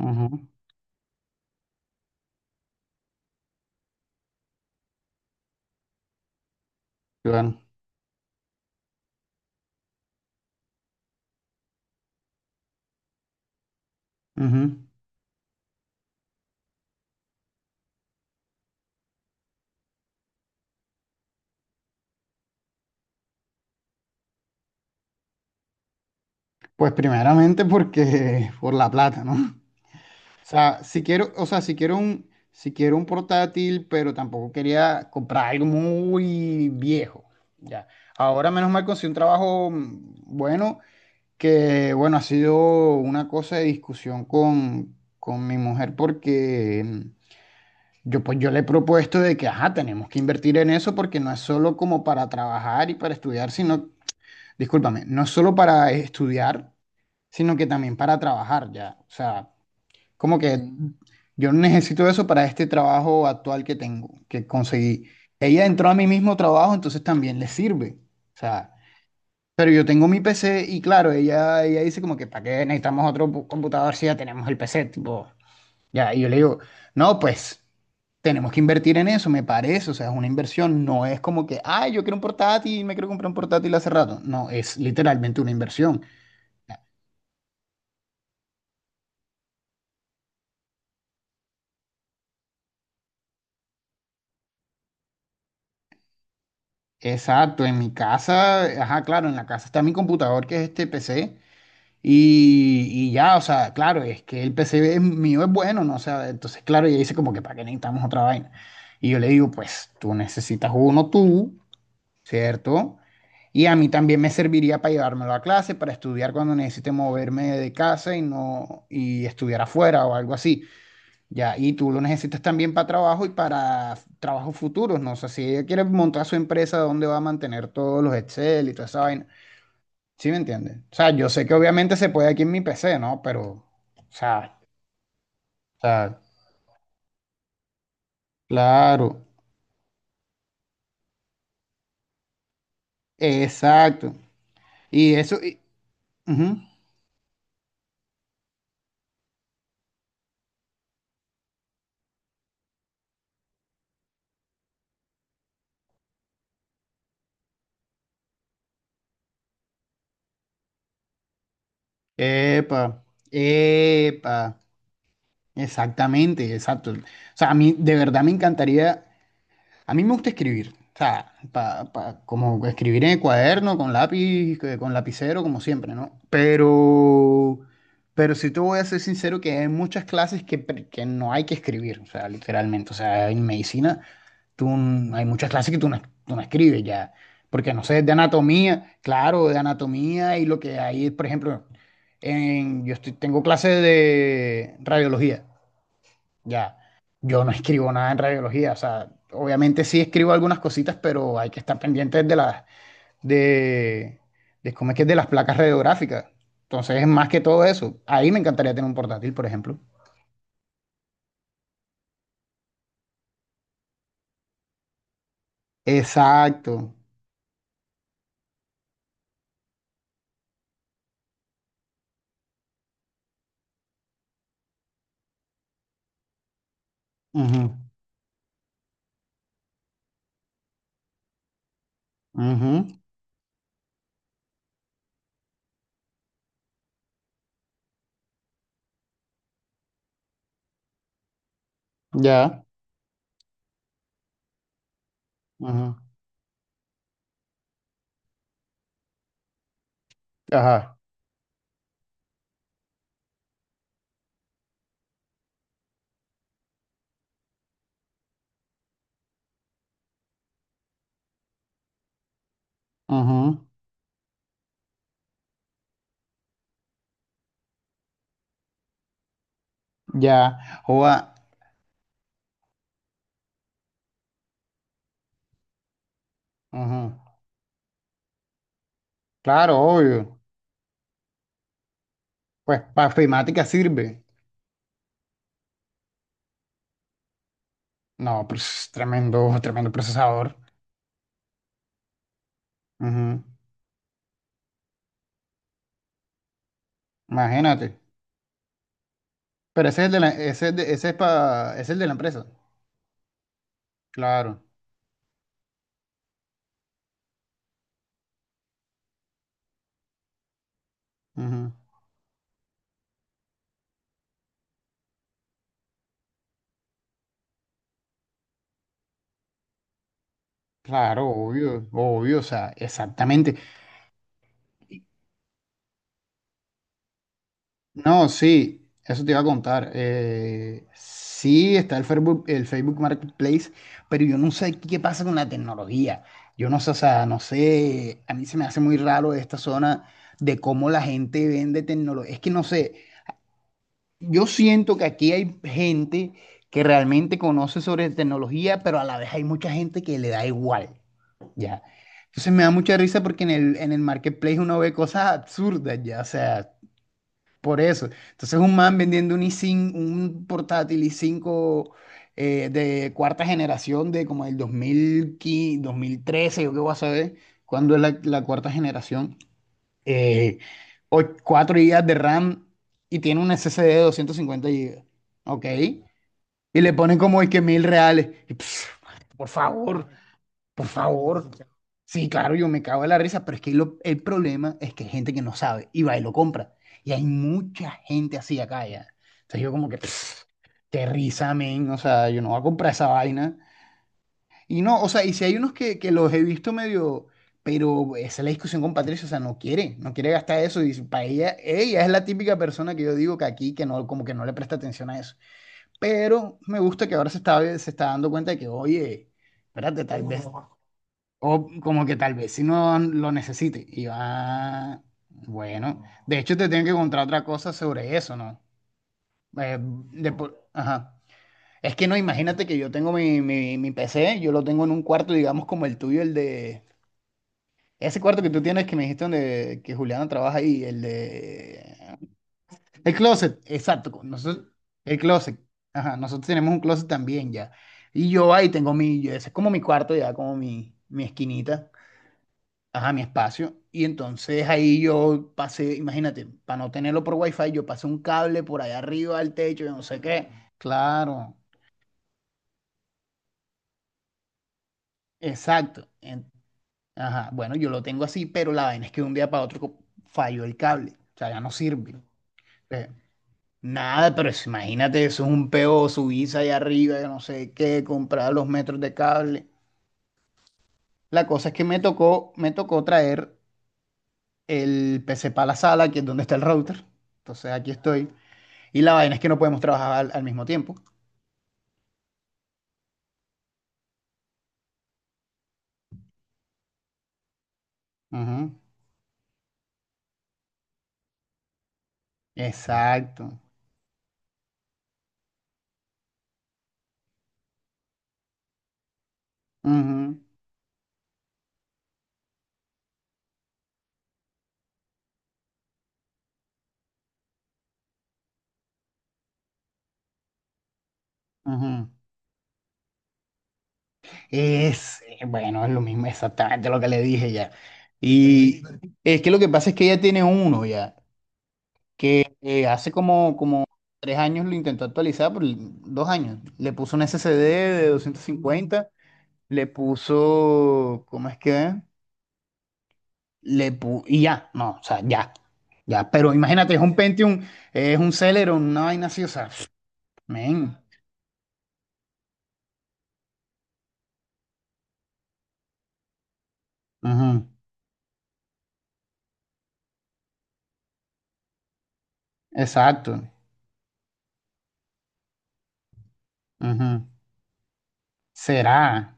Ujú, claro. Ujú. Pues primeramente porque por la plata, ¿no? O sea, si quiero, o sea, si quiero un, si quiero un portátil, pero tampoco quería comprar algo muy viejo. Ya. Ahora menos mal conseguí un trabajo bueno, que bueno, ha sido una cosa de discusión con mi mujer porque yo pues yo le he propuesto de que, ajá, tenemos que invertir en eso porque no es solo como para trabajar y para estudiar, sino discúlpame, no solo para estudiar, sino que también para trabajar ya. O sea, como que yo necesito eso para este trabajo actual que tengo, que conseguí. Ella entró a mi mismo trabajo, entonces también le sirve. O sea, pero yo tengo mi PC y claro, ella dice como que, ¿para qué necesitamos otro computador si ya tenemos el PC? Tipo, ya, y yo le digo, no, pues tenemos que invertir en eso, me parece, o sea, es una inversión, no es como que, ay, yo quiero un portátil, me quiero comprar un portátil hace rato, no, es literalmente una inversión. Exacto, en mi casa, ajá, claro, en la casa está mi computador, que es este PC, y ya, o sea, claro, es que el PC mío es bueno, ¿no? O sea, entonces, claro, ella dice como que, ¿para qué necesitamos otra vaina? Y yo le digo, pues tú necesitas uno tú, ¿cierto? Y a mí también me serviría para llevármelo a clase, para estudiar cuando necesite moverme de casa y no y estudiar afuera o algo así. Ya, y tú lo necesitas también para trabajo y para trabajos futuros, ¿no? O sea, si ella quiere montar su empresa, ¿dónde va a mantener todos los Excel y toda esa vaina? ¿Sí me entiendes? O sea, yo sé que obviamente se puede aquí en mi PC, ¿no? Pero, sea, o sea, claro, exacto. Y eso, ujú. Epa, epa. Exactamente, exacto. O sea, a mí de verdad me encantaría, a mí me gusta escribir, o sea, como escribir en el cuaderno, con lápiz, con lapicero, como siempre, ¿no? Pero sí te voy a ser sincero que hay muchas clases que, que no hay que escribir, o sea, literalmente, o sea, en medicina tú, hay muchas clases que tú no, escribes ya, porque no sé, de anatomía, claro, de anatomía y lo que hay, por ejemplo, tengo clases de radiología. Ya, yo no escribo nada en radiología, o sea, obviamente sí escribo algunas cositas, pero hay que estar pendientes de las, de, de cómo es que es de las placas radiográficas. Entonces, es más que todo eso. Ahí me encantaría tener un portátil, por ejemplo. Exacto. Ujú, ujú, ya. Ujú, ajá. Ujú, ya. Joda, ujú. Claro, obvio. Pues para ofimática sirve. No, pues tremendo, tremendo procesador. Ujú, imagínate. Pero ese es el de la, ese es ese es es el de la empresa. Claro. Ujú. Claro, obvio, obvio, o sea, exactamente. Y- No, sí, eso te iba a contar. Sí, está el Facebook Marketplace, pero yo no sé qué pasa con la tecnología. Yo no sé, o sea, no sé, a mí se me hace muy raro esta zona de cómo la gente vende tecnología. Es que no sé, yo siento que aquí hay gente que realmente conoce sobre tecnología, pero a la vez hay mucha gente que le da igual, ¿ya? Entonces me da mucha risa porque en el marketplace uno ve cosas absurdas, ¿ya? O sea, por eso. Entonces un man vendiendo un i5, un portátil i5 de cuarta generación de como el 2015, 2013, yo qué voy a saber cuándo es la, cuarta generación eh, 4 GB de RAM y tiene un SSD de 250 GB. ¿Ok? Y le ponen como es que 1000 reales. Y, pf, por favor, por favor. Sí, claro, yo me cago en la risa, pero es que el problema es que hay gente que no sabe y va y lo compra. Y hay mucha gente así acá ya. Entonces yo como que, pf, qué risa, men. O sea, yo no voy a comprar esa vaina. Y no, o sea, y si hay unos que los he visto medio, pero esa es la discusión con Patricia, o sea, no quiere gastar eso. Y para ella, ella es la típica persona que yo digo que aquí, que no, como que no le presta atención a eso. Pero me gusta que ahora se está dando cuenta de que, oye, espérate, tal vez, o como que tal vez si no lo necesite. Y va, bueno, de hecho te tengo que contar otra cosa sobre eso, ¿no? Ajá. Es que no, imagínate que yo tengo mi PC, yo lo tengo en un cuarto, digamos, como el tuyo, el de. Ese cuarto que tú tienes que me dijiste donde que Juliana trabaja ahí, el de. El closet, exacto, con nosotros, el closet. Ajá, nosotros tenemos un closet también ya. Y yo ahí tengo mi. Ese es como mi cuarto ya, como mi esquinita. Ajá, mi espacio. Y entonces ahí yo pasé, imagínate, para no tenerlo por wifi, yo pasé un cable por allá arriba al techo, yo no sé qué. Claro, exacto. Ajá, bueno, yo lo tengo así, pero la vaina es que de un día para otro falló el cable, o sea, ya no sirve. Eh, nada, pero eso, imagínate, eso es un peo, subirse allá arriba, yo no sé qué, comprar los metros de cable. La cosa es que me tocó traer el PC para la sala, que es donde está el router. Entonces aquí estoy. Y la vaina es que no podemos trabajar al mismo tiempo. Ujú, exacto. Ujú, ujú. Es, bueno, es lo mismo, exactamente lo que le dije ya. Sí, y es que lo que pasa es que ella tiene uno ya. Hace como 3 años lo intentó actualizar, por 2 años. Le puso un SSD de 250 le puso, ¿cómo es que? ¿Es? Y ya, no, o sea, ya, ya. Pero imagínate, es un Pentium, es un Celeron, una vaina así, o sea, men. Ujú, exacto. Ujú. Será,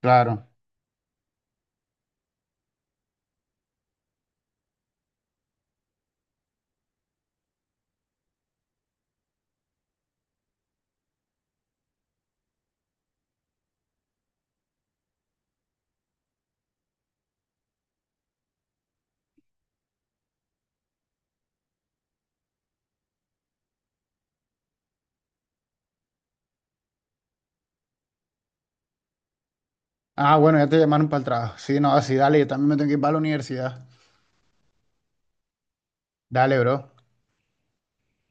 claro. Ah, bueno, ya te llamaron para el trabajo. Sí, no, sí, dale, yo también me tengo que ir para la universidad. Dale, bro.